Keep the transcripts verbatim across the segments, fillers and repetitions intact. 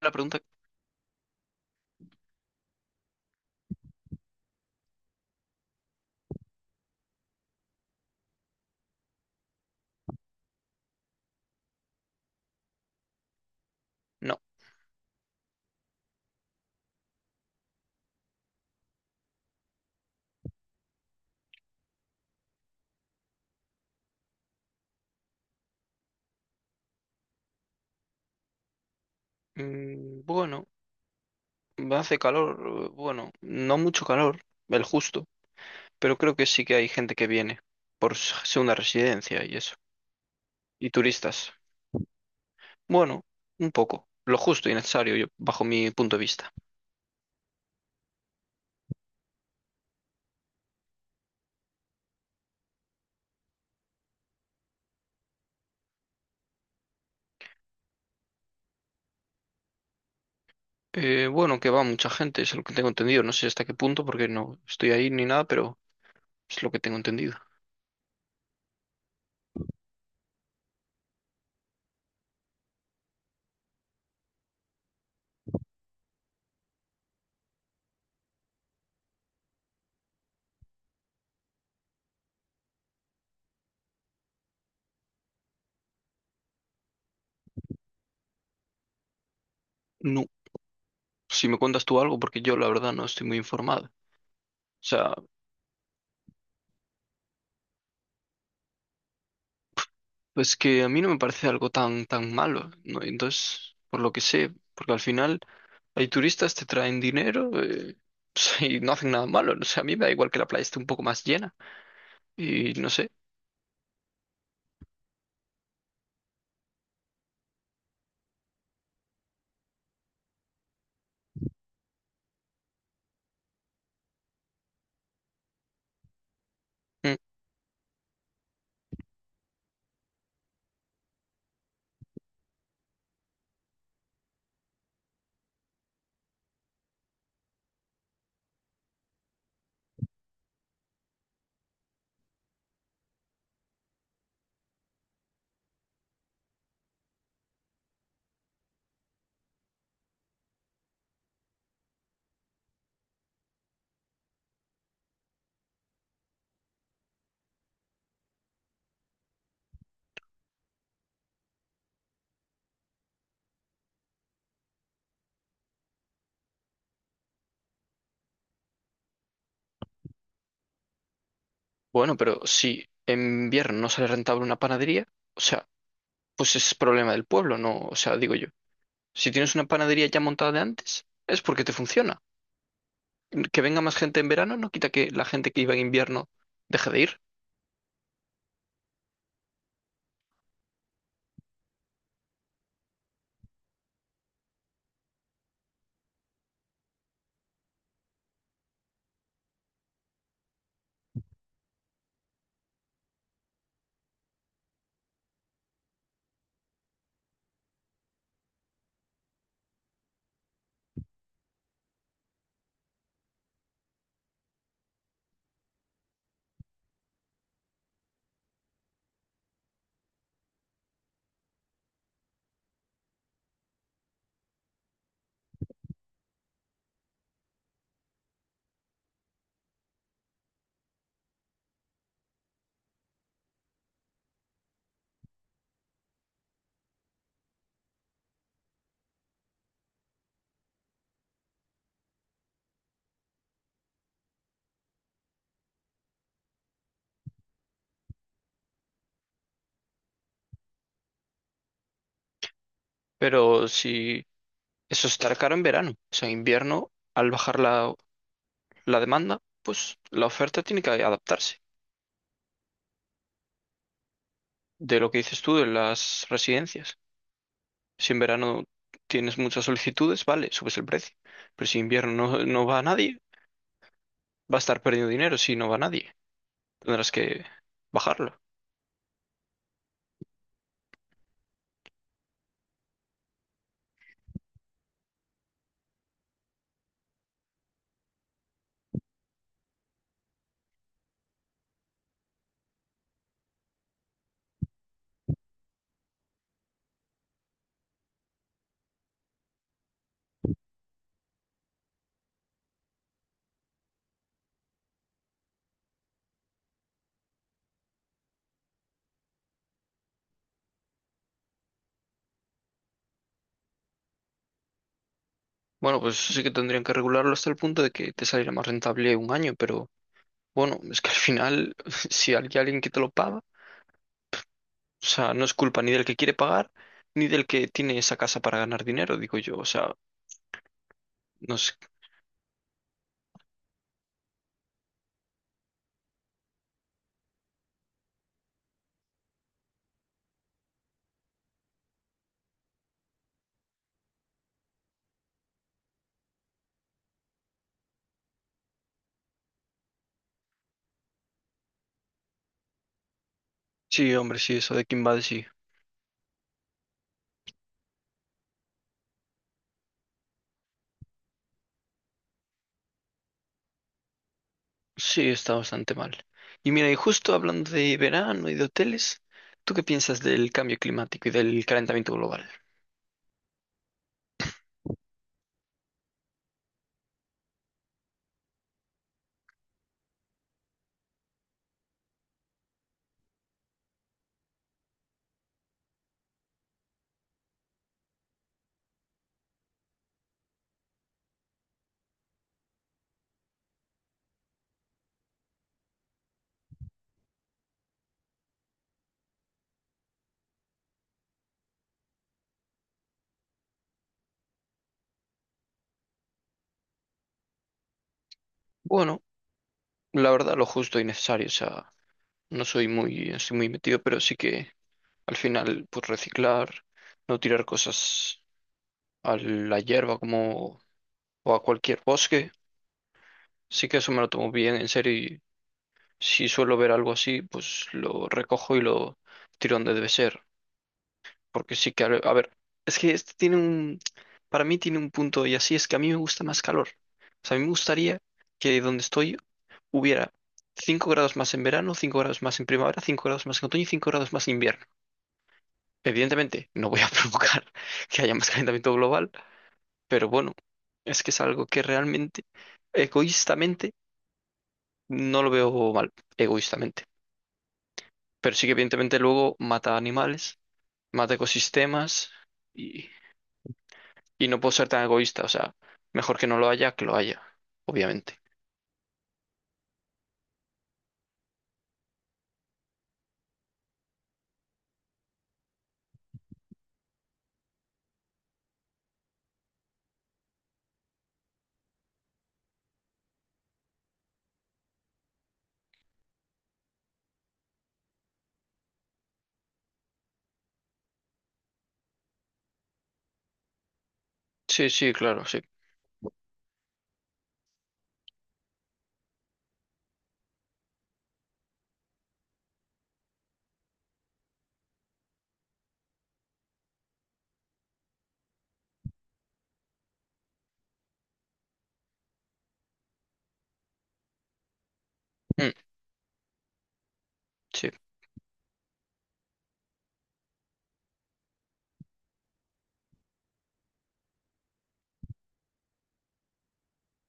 La pregunta. No. Mm, Bueno, hace calor. eh, Bueno, no mucho calor, el justo. Pero creo que sí que hay gente que viene por s- segunda residencia y eso. Y turistas. Bueno, un poco. Lo justo y necesario, yo- bajo mi punto de vista. Eh, bueno, que va mucha gente, es lo que tengo entendido. No sé hasta qué punto, porque no estoy ahí ni nada, pero es lo que tengo entendido. No, si me cuentas tú algo, porque yo la verdad no estoy muy informado. O sea, pues que a mí no me parece algo tan, tan malo, ¿no? Entonces, por lo que sé, porque al final hay turistas, te traen dinero, eh, y no hacen nada malo. ¿No? O sea, a mí me da igual que la playa esté un poco más llena y no sé. Mm. Bueno, pero si en invierno no sale rentable una panadería, o sea, pues es problema del pueblo, ¿no? O sea, digo yo. Si tienes una panadería ya montada de antes, es porque te funciona. Que venga más gente en verano no quita que la gente que iba en invierno deje de ir. Pero si eso estará caro en verano, o sea, en invierno, al bajar la, la demanda, pues la oferta tiene que adaptarse. De lo que dices tú de las residencias. Si en verano tienes muchas solicitudes, vale, subes el precio. Pero si en invierno no, no va a nadie, va a estar perdiendo dinero. Si no va nadie, tendrás que bajarlo. Bueno, pues sí que tendrían que regularlo hasta el punto de que te saliera más rentable un año, pero bueno, es que al final, si hay alguien que te lo paga, o sea, no es culpa ni del que quiere pagar, ni del que tiene esa casa para ganar dinero, digo yo, o sea, no sé. Sí, hombre, sí, eso de Kimbad sí, sí está bastante mal. Y mira, y justo hablando de verano y de hoteles, ¿tú qué piensas del cambio climático y del calentamiento global? Bueno, la verdad, lo justo y necesario. O sea, no soy muy, estoy muy metido, pero sí que al final, pues reciclar, no tirar cosas a la hierba como o a cualquier bosque. Sí que eso me lo tomo bien en serio y si suelo ver algo así, pues lo recojo y lo tiro donde debe ser. Porque sí que, al- a ver, es que este tiene un, para mí tiene un punto y así es que a mí me gusta más calor. O sea, a mí me gustaría que donde estoy hubiera cinco grados más en verano, cinco grados más en primavera, cinco grados más en otoño y cinco grados más en invierno. Evidentemente, no voy a provocar que haya más calentamiento global, pero bueno, es que es algo que realmente, egoístamente, no lo veo mal, egoístamente. Pero sí que evidentemente luego mata animales, mata ecosistemas y, y no puedo ser tan egoísta, o sea, mejor que no lo haya que lo haya, obviamente. Sí, sí, claro, sí. Mm, sí.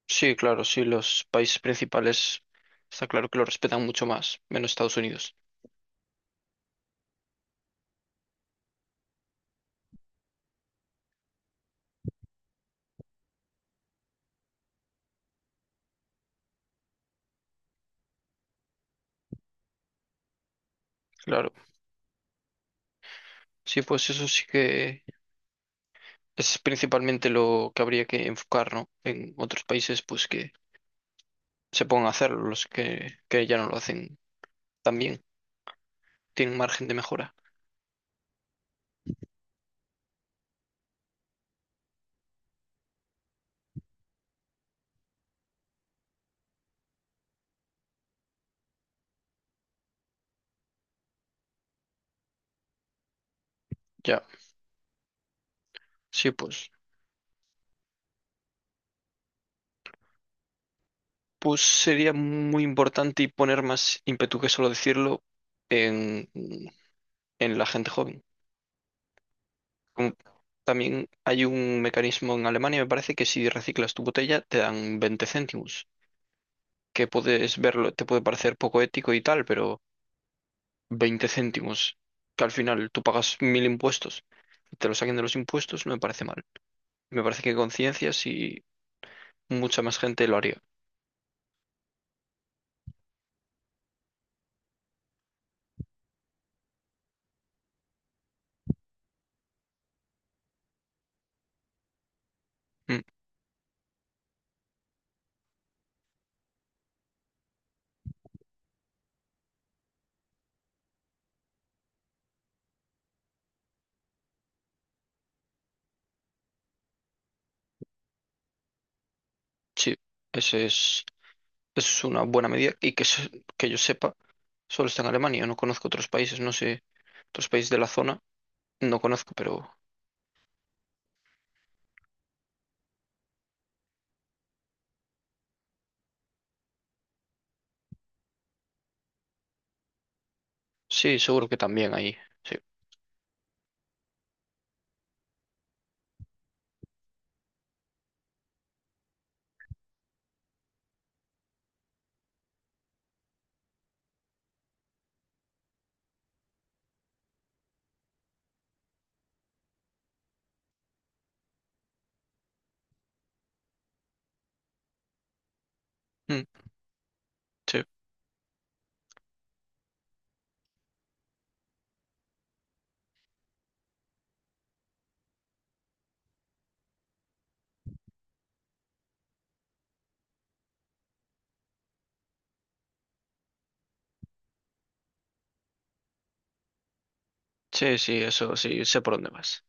Sí, claro, sí, los países principales está claro que lo respetan mucho más, menos Estados Unidos. Claro, sí, pues eso sí que es principalmente lo que habría que enfocar, ¿no? En otros países, pues que se pongan a hacerlo, los que, que ya no lo hacen tan bien, tienen margen de mejora. Ya, sí, pues, pues sería muy importante y poner más ímpetu que solo decirlo en, en la gente joven. Como también hay un mecanismo en Alemania, me parece que si reciclas tu botella te dan veinte céntimos, que puedes verlo, te puede parecer poco ético y tal, pero veinte céntimos, que al final tú pagas mil impuestos y te lo saquen de los impuestos, no me parece mal. Me parece que conciencias y mucha más gente lo haría. Mm, sí, ese es, eso es una buena medida y que, se- que yo sepa, solo está en Alemania, no conozco otros países, no sé, otros países de la zona, no conozco, pero sí, seguro que también hay. Sí. Mm. Sí. Sí, sí, eso sí, sé por dónde vas.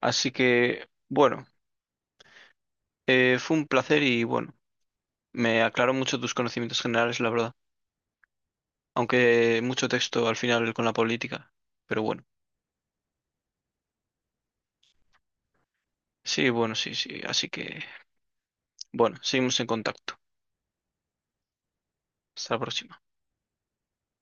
Así que, bueno, eh, fue un placer y bueno, me aclaró mucho tus conocimientos generales, la verdad. Aunque mucho texto al final con la política. Pero bueno, sí, bueno, sí, sí. Así que, bueno, seguimos en contacto. Hasta la próxima.